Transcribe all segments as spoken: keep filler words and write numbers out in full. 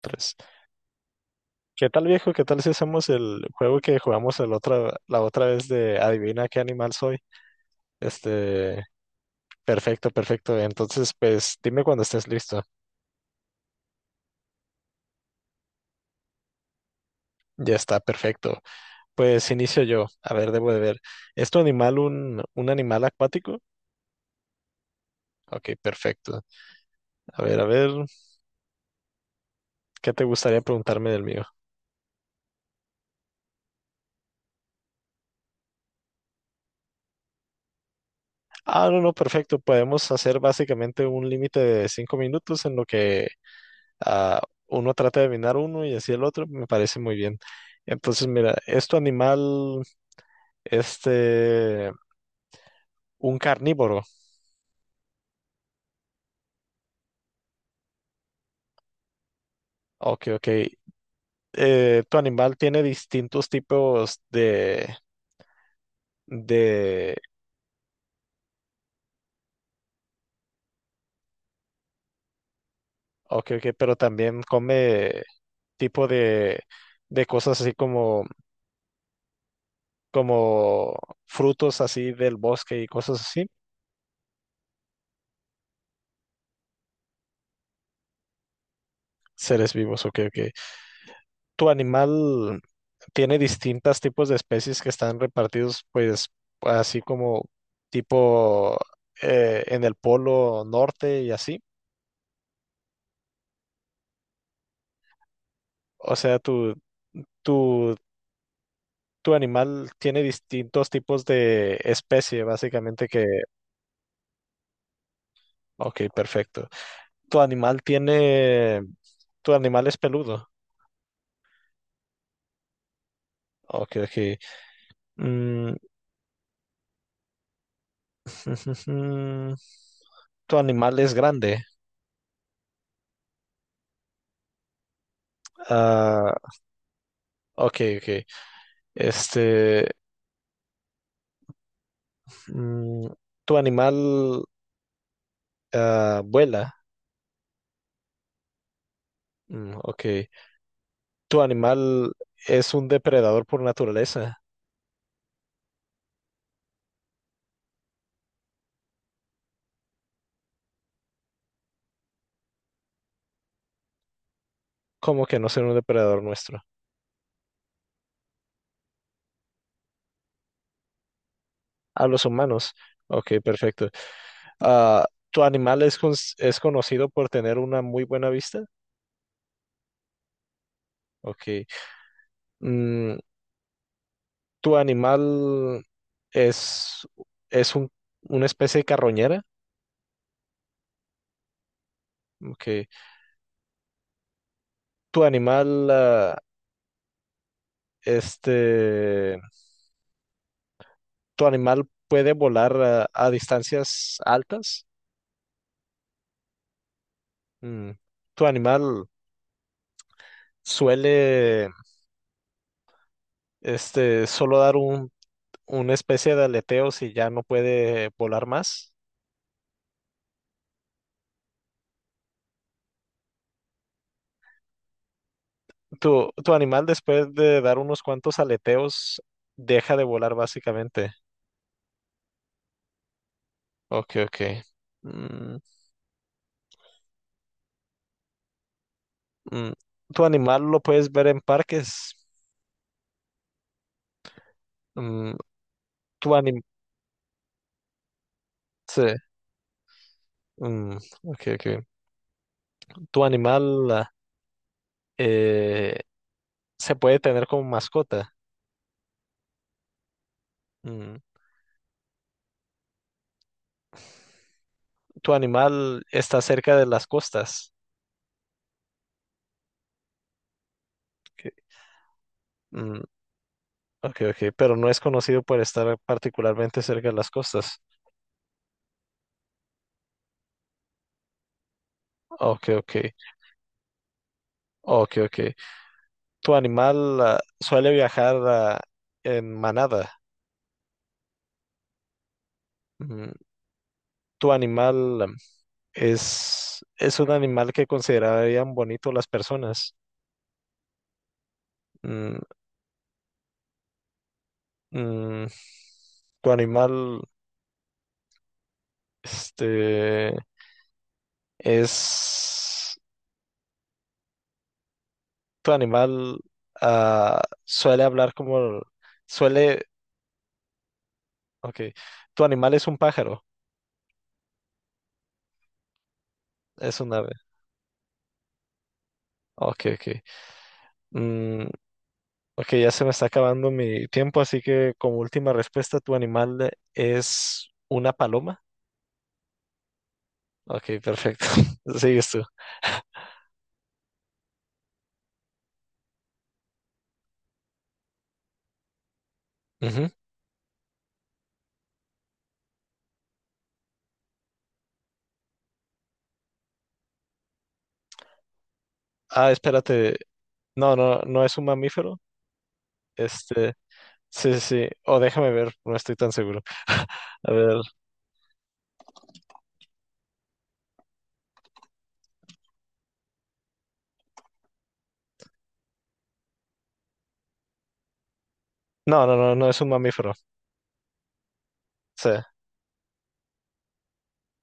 Tres. ¿Qué tal, viejo? ¿Qué tal si hacemos el juego que jugamos el otra, la otra vez de adivina qué animal soy? Este, perfecto, perfecto. Entonces, pues dime cuando estés listo. Ya está, perfecto. Pues inicio yo. A ver, debo de ver. ¿Es tu animal un, un animal acuático? Ok, perfecto. A ver, a ver, ¿qué te gustaría preguntarme del mío? Ah, no, no, perfecto. Podemos hacer básicamente un límite de cinco minutos en lo que ah, uno trata de adivinar uno y así el otro, me parece muy bien. Entonces, mira, ¿es tu animal este un carnívoro? Ok, ok. Eh, ¿tu animal tiene distintos tipos de, de, ok, ok, pero también come tipo de, de cosas así como, como frutos así del bosque y cosas así? Seres vivos, ok, ok. Tu animal tiene distintas tipos de especies que están repartidos, pues, así como tipo eh, en el polo norte y así. O sea, tu, tu, tu animal tiene distintos tipos de especie, básicamente que... Ok, perfecto. Tu animal tiene... Tu animal es peludo. Ok, ok. Mm, tu animal es grande. Ah, ok, ok. Este... Mm, ¿Tu animal ah, vuela? Mm, ok. ¿Tu animal es un depredador por naturaleza? ¿Cómo que no ser un depredador nuestro? A los humanos. Ok, perfecto. Ah, ¿tu animal es, con- es conocido por tener una muy buena vista? Ok. Mm, ¿tu animal es, es un- una especie de carroñera? Ok. ¿Tu animal, ah, este... ¿Tu animal puede volar a, a distancias altas? Mm, ¿Tu animal suele este, solo dar un, una especie de aleteo si ya no puede volar más? ¿Tu, tu animal después de dar unos cuantos aleteos deja de volar básicamente? Ok, ok. Mm, mm, ¿Tu animal lo puedes ver en parques? Mm, ¿Tu anim- sí, mm, ok, ok. ¿Tu animal ah, eh, se puede tener como mascota? Mm, Tu animal está cerca de las costas. Ok, mm, ok, ok, pero no es conocido por estar particularmente cerca de las costas. Ok, ok, ok, ok. Tu animal ah, suele viajar ah, en manada. Mm, Tu animal ah, es, es un animal que considerarían bonito las personas. Mm, mm, Tu animal, este, es tu animal ah, suele hablar como, suele, ok, tu animal es un pájaro, es un ave, ok, ok. Mm, ok, ya se me está acabando mi tiempo, así que como última respuesta, tu animal es una paloma, ok, perfecto, sigues tú. Ujú. Ah, espérate, no, no, no es un mamífero, este, sí, sí, sí, o déjame ver, no estoy tan seguro. A ver, no, no, no, no es un mamífero, sí.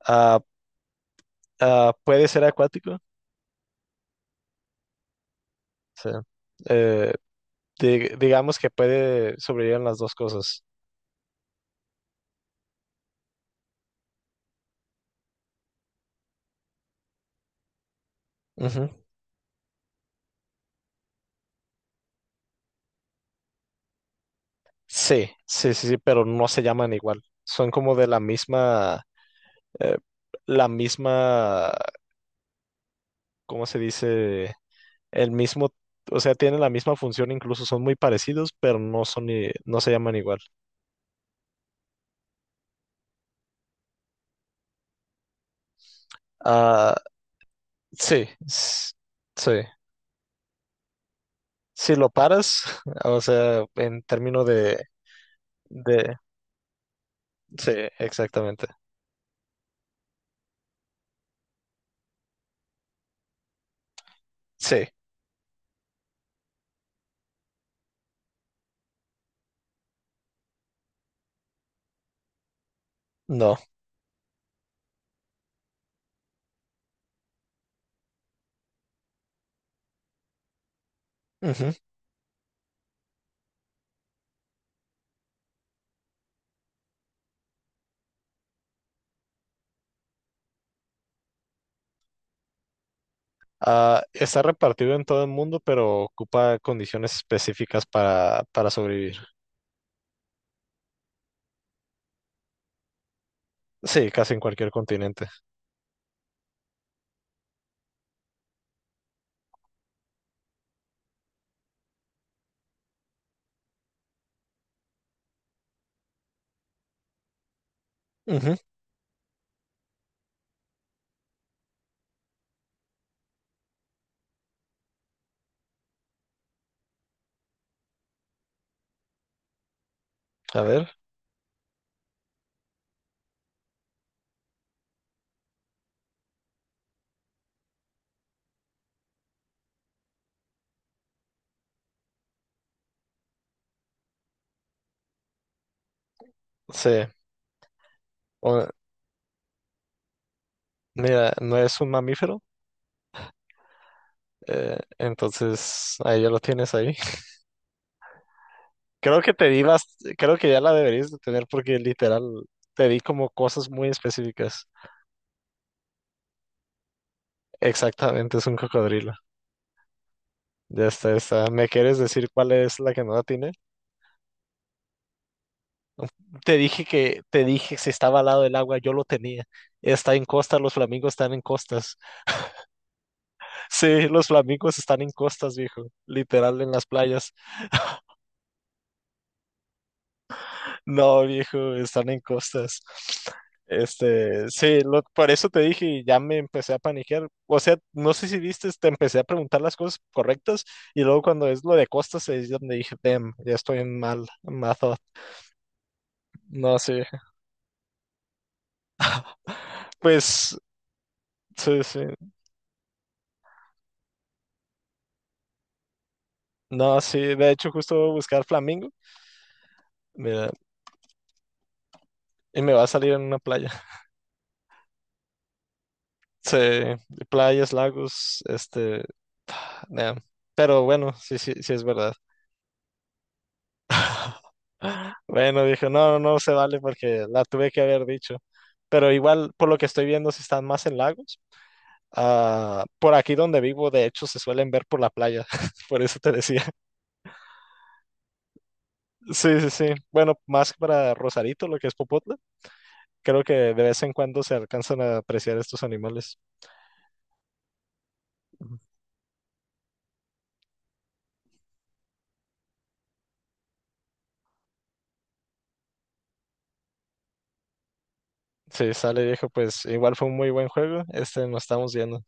Ah, ah, ¿puede ser acuático? Sí. Eh, di- digamos que puede sobrevivir en las dos cosas. Ujú. Sí, sí, sí, sí, pero no se llaman igual. Son como de la misma, eh, la misma, ¿cómo se dice? El mismo, o sea, tienen la misma función, incluso son muy parecidos, pero no son, i- no se llaman igual. Ah, sí, s- sí. Si lo paras, o sea, en términos de, de, sí, exactamente. Sí, no. Ujú. Ah, está repartido en todo el mundo, pero ocupa condiciones específicas para, para sobrevivir. Sí, casi en cualquier continente. Ujú, a ver, sí. O- mira, no es un mamífero, eh, entonces ahí ya lo tienes ahí. Creo que te di bast- creo que ya la deberías de tener porque literal te di como cosas muy específicas. Exactamente, es un cocodrilo. Ya está, ya está. ¿Me quieres decir cuál es la que no la tienes? Te dije que, te dije si estaba al lado del agua, yo lo tenía. Está en costa, los flamingos están en costas. Sí, los flamingos están en costas, viejo. Literal en las playas. No, viejo, están en costas. Este, sí, lo- por eso te dije y ya me empecé a paniquear. O sea, no sé si viste, te empecé a preguntar las cosas correctas y luego cuando es lo de costas es donde dije, damn, ya estoy en mal, mal thought". No, sí. Pues, sí, sí. No, sí. De hecho, justo voy a buscar flamingos. Mira, y me va a salir en una playa. Sí, playas, lagos, este, nah. Pero bueno, sí, sí, sí es verdad. Bueno, dije, no, no se vale porque la tuve que haber dicho. Pero igual, por lo que estoy viendo, si están más en lagos. Ah, por aquí donde vivo, de hecho, se suelen ver por la playa. Por eso te decía. Sí, sí, sí. Bueno, más para Rosarito, lo que es Popotla. Creo que de vez en cuando se alcanzan a apreciar estos animales. Sí, sale viejo, pues igual fue un muy buen juego. Este, nos estamos viendo.